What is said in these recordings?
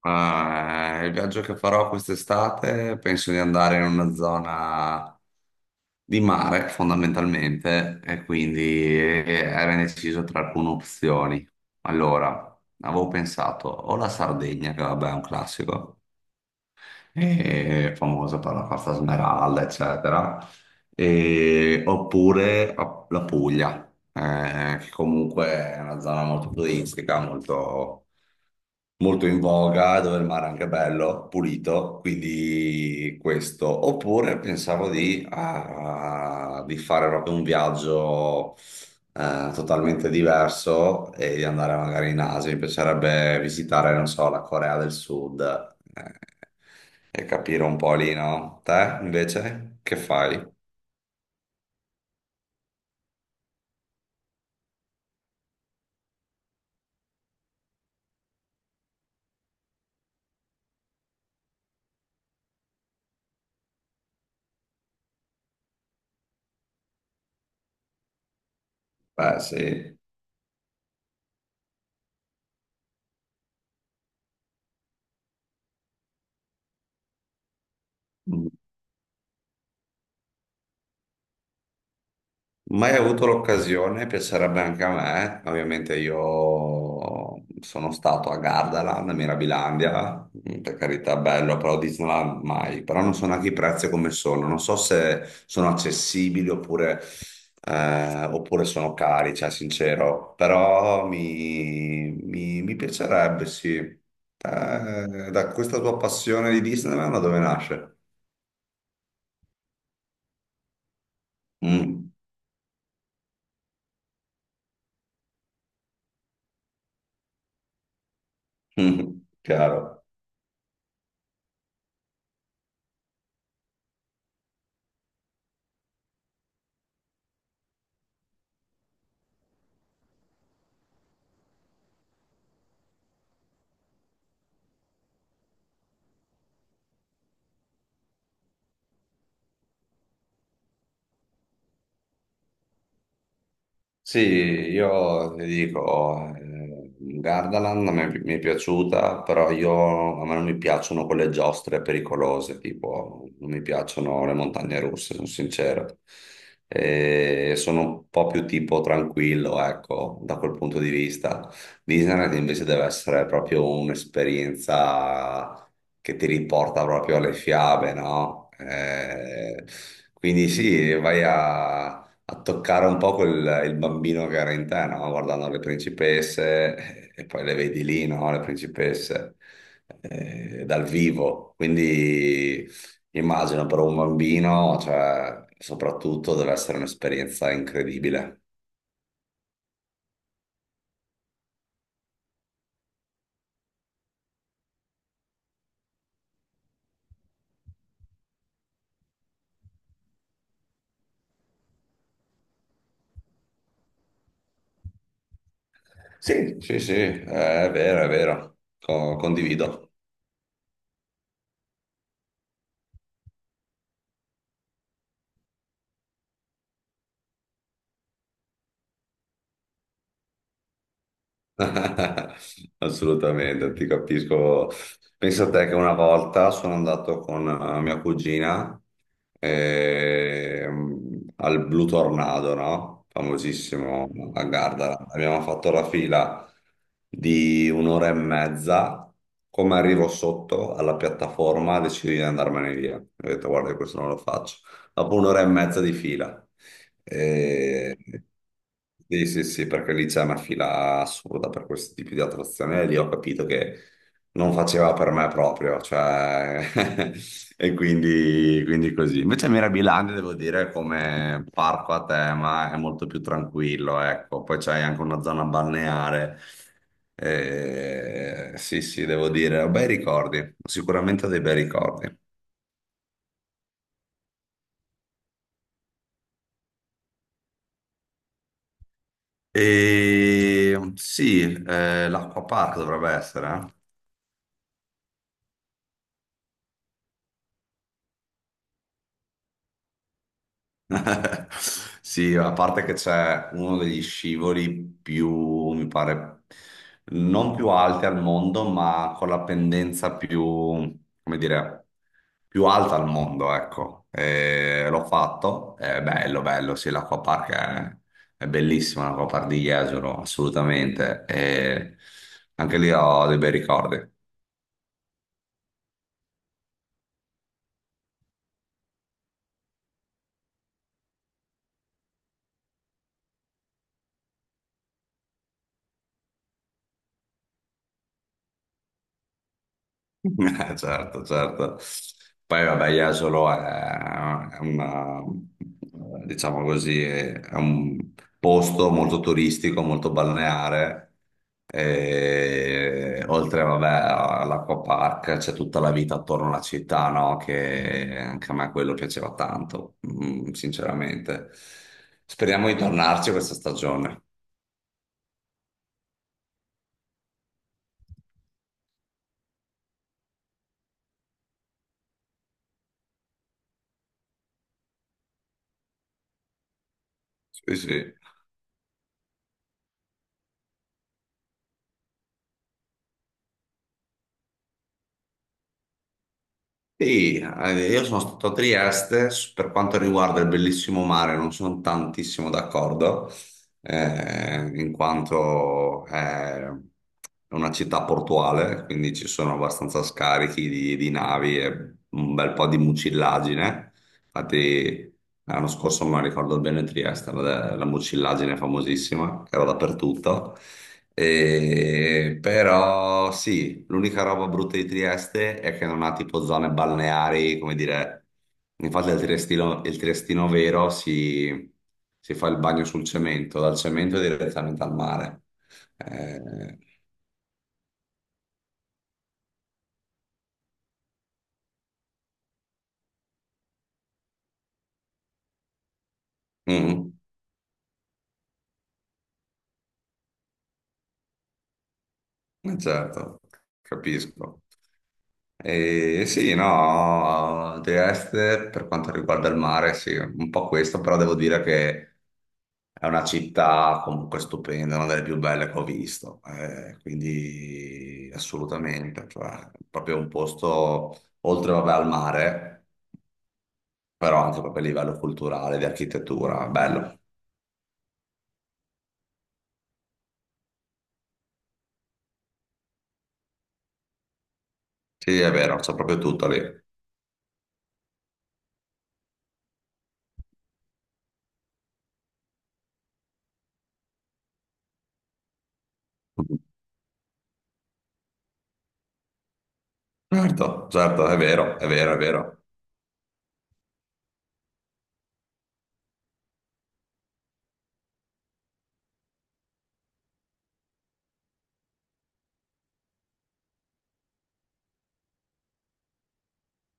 Il viaggio che farò quest'estate penso di andare in una zona di mare fondamentalmente e quindi era indeciso tra alcune opzioni. Allora, avevo pensato o la Sardegna, che vabbè è un classico, è famosa per la Costa Smeralda, eccetera, la Puglia, che comunque è una zona molto turistica, molto in voga, dove il mare è anche bello, pulito, quindi questo. Oppure pensavo di fare proprio un viaggio totalmente diverso e di andare magari in Asia. Mi piacerebbe visitare, non so, la Corea del Sud eh, e capire un po' lì, no? Te invece che fai? Beh, sì. Mai avuto l'occasione, piacerebbe anche a me. Ovviamente io sono stato a Gardaland, a Mirabilandia, per carità, bello, però Disneyland mai. Però non so neanche i prezzi come sono, non so se sono accessibili oppure, oppure sono cari, cioè sincero. Però mi piacerebbe, sì. Da questa tua passione di Disneyland, da dove nasce? Mm. Chiaro. Sì, io ti dico, Gardaland a me mi è piaciuta, però io, a me non mi piacciono quelle giostre pericolose, tipo non mi piacciono le montagne russe, sono sincero. E sono un po' più tipo tranquillo, ecco, da quel punto di vista. Disneyland invece deve essere proprio un'esperienza che ti riporta proprio alle fiabe, no? Quindi sì, vai a toccare un po' quel, il bambino che era in te, no? Guardando le principesse e poi le vedi lì, no? Le principesse dal vivo. Quindi immagino per un bambino, cioè, soprattutto deve essere un'esperienza incredibile. Sì, sì, sì, è vero, condivido. Assolutamente, ti capisco. Pensa a te che una volta sono andato con mia cugina al Blue Tornado, no? Famosissimo a Gardara. Abbiamo fatto la fila di un'ora e mezza. Come arrivo sotto alla piattaforma, decido di andarmene via. Ho detto, guarda, questo non lo faccio dopo un'ora e mezza di fila. Eh, sì, sì, sì, perché lì c'è una fila assurda per questi tipi di attrazioni e lì ho capito che non faceva per me proprio, cioè, e quindi così. Invece Mirabilandia, devo dire, come parco a tema è molto più tranquillo, ecco. Poi c'hai anche una zona balneare. Sì, sì, devo dire, ho bei ricordi, sicuramente ho dei bei ricordi. E sì, l'Acqua Park dovrebbe essere. Eh. Sì, a parte che c'è uno degli scivoli più, mi pare, non più alti al mondo, ma con la pendenza più, come dire, più alta al mondo, ecco. E l'ho fatto, è bello, bello, sì, è bellissima, l'Acqua Park di Jesolo, assolutamente. E anche lì ho dei bei ricordi. Certo, certo. Poi vabbè, Jesolo è una, diciamo così, è un posto molto turistico, molto balneare. E oltre, vabbè, all'acquapark c'è tutta la vita attorno alla città, no? Che anche a me quello piaceva tanto, mm, sinceramente. Speriamo di tornarci questa stagione. Sì, sì. Sì, io sono stato a Trieste, per quanto riguarda il bellissimo mare non sono tantissimo d'accordo, in quanto è una città portuale, quindi ci sono abbastanza scarichi di navi e un bel po' di mucillagine. Infatti, l'anno scorso, non ricordo bene, Trieste, la mucillaggine famosissima, che era dappertutto. Però sì, l'unica roba brutta di Trieste è che non ha tipo zone balneari, come dire, infatti il triestino vero si fa il bagno sul cemento, dal cemento direttamente al mare. Eh, mm, certo, capisco. E sì, no, The Est per quanto riguarda il mare, sì, un po' questo, però devo dire che è una città comunque stupenda, una delle più belle che ho visto, quindi assolutamente, cioè, proprio un posto oltre vabbè, al mare, però anche proprio a livello culturale, di architettura, bello. Sì, è vero, c'è proprio tutto lì. Certo, certo, è vero, è vero, è vero.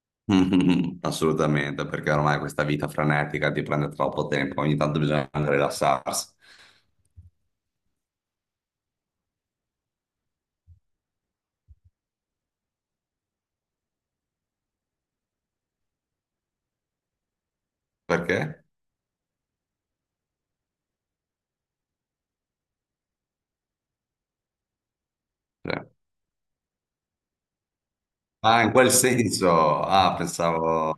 Mhm, assolutamente, perché ormai questa vita frenetica ti prende troppo tempo, ogni tanto bisogna anche rilassarsi. Perché? Cioè, ah, in quel senso. Ah, pensavo...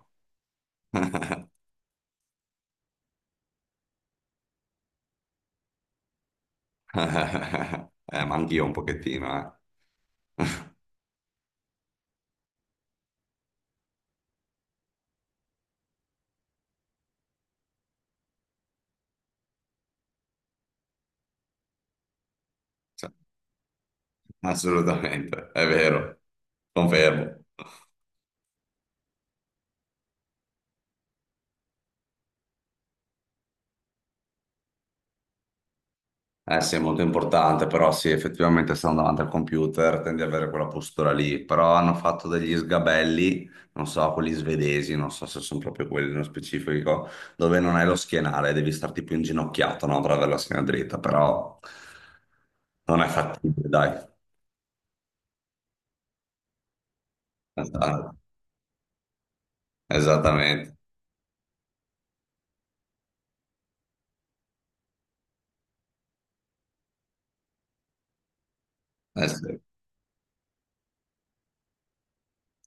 Ma anch'io un pochettino, eh. Cioè, assolutamente, è vero, confermo. Eh sì, è molto importante, però sì, effettivamente stando davanti al computer tendi ad avere quella postura lì, però hanno fatto degli sgabelli, non so, quelli svedesi, non so se sono proprio quelli nello specifico, dove non hai lo schienale, devi starti più inginocchiato, no, per avere la schiena dritta, però non è fattibile, dai. Esatto. Esattamente. Eh sì.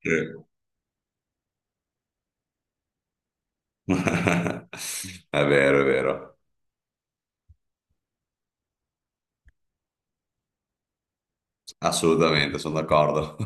Sì. È vero, assolutamente, sono d'accordo.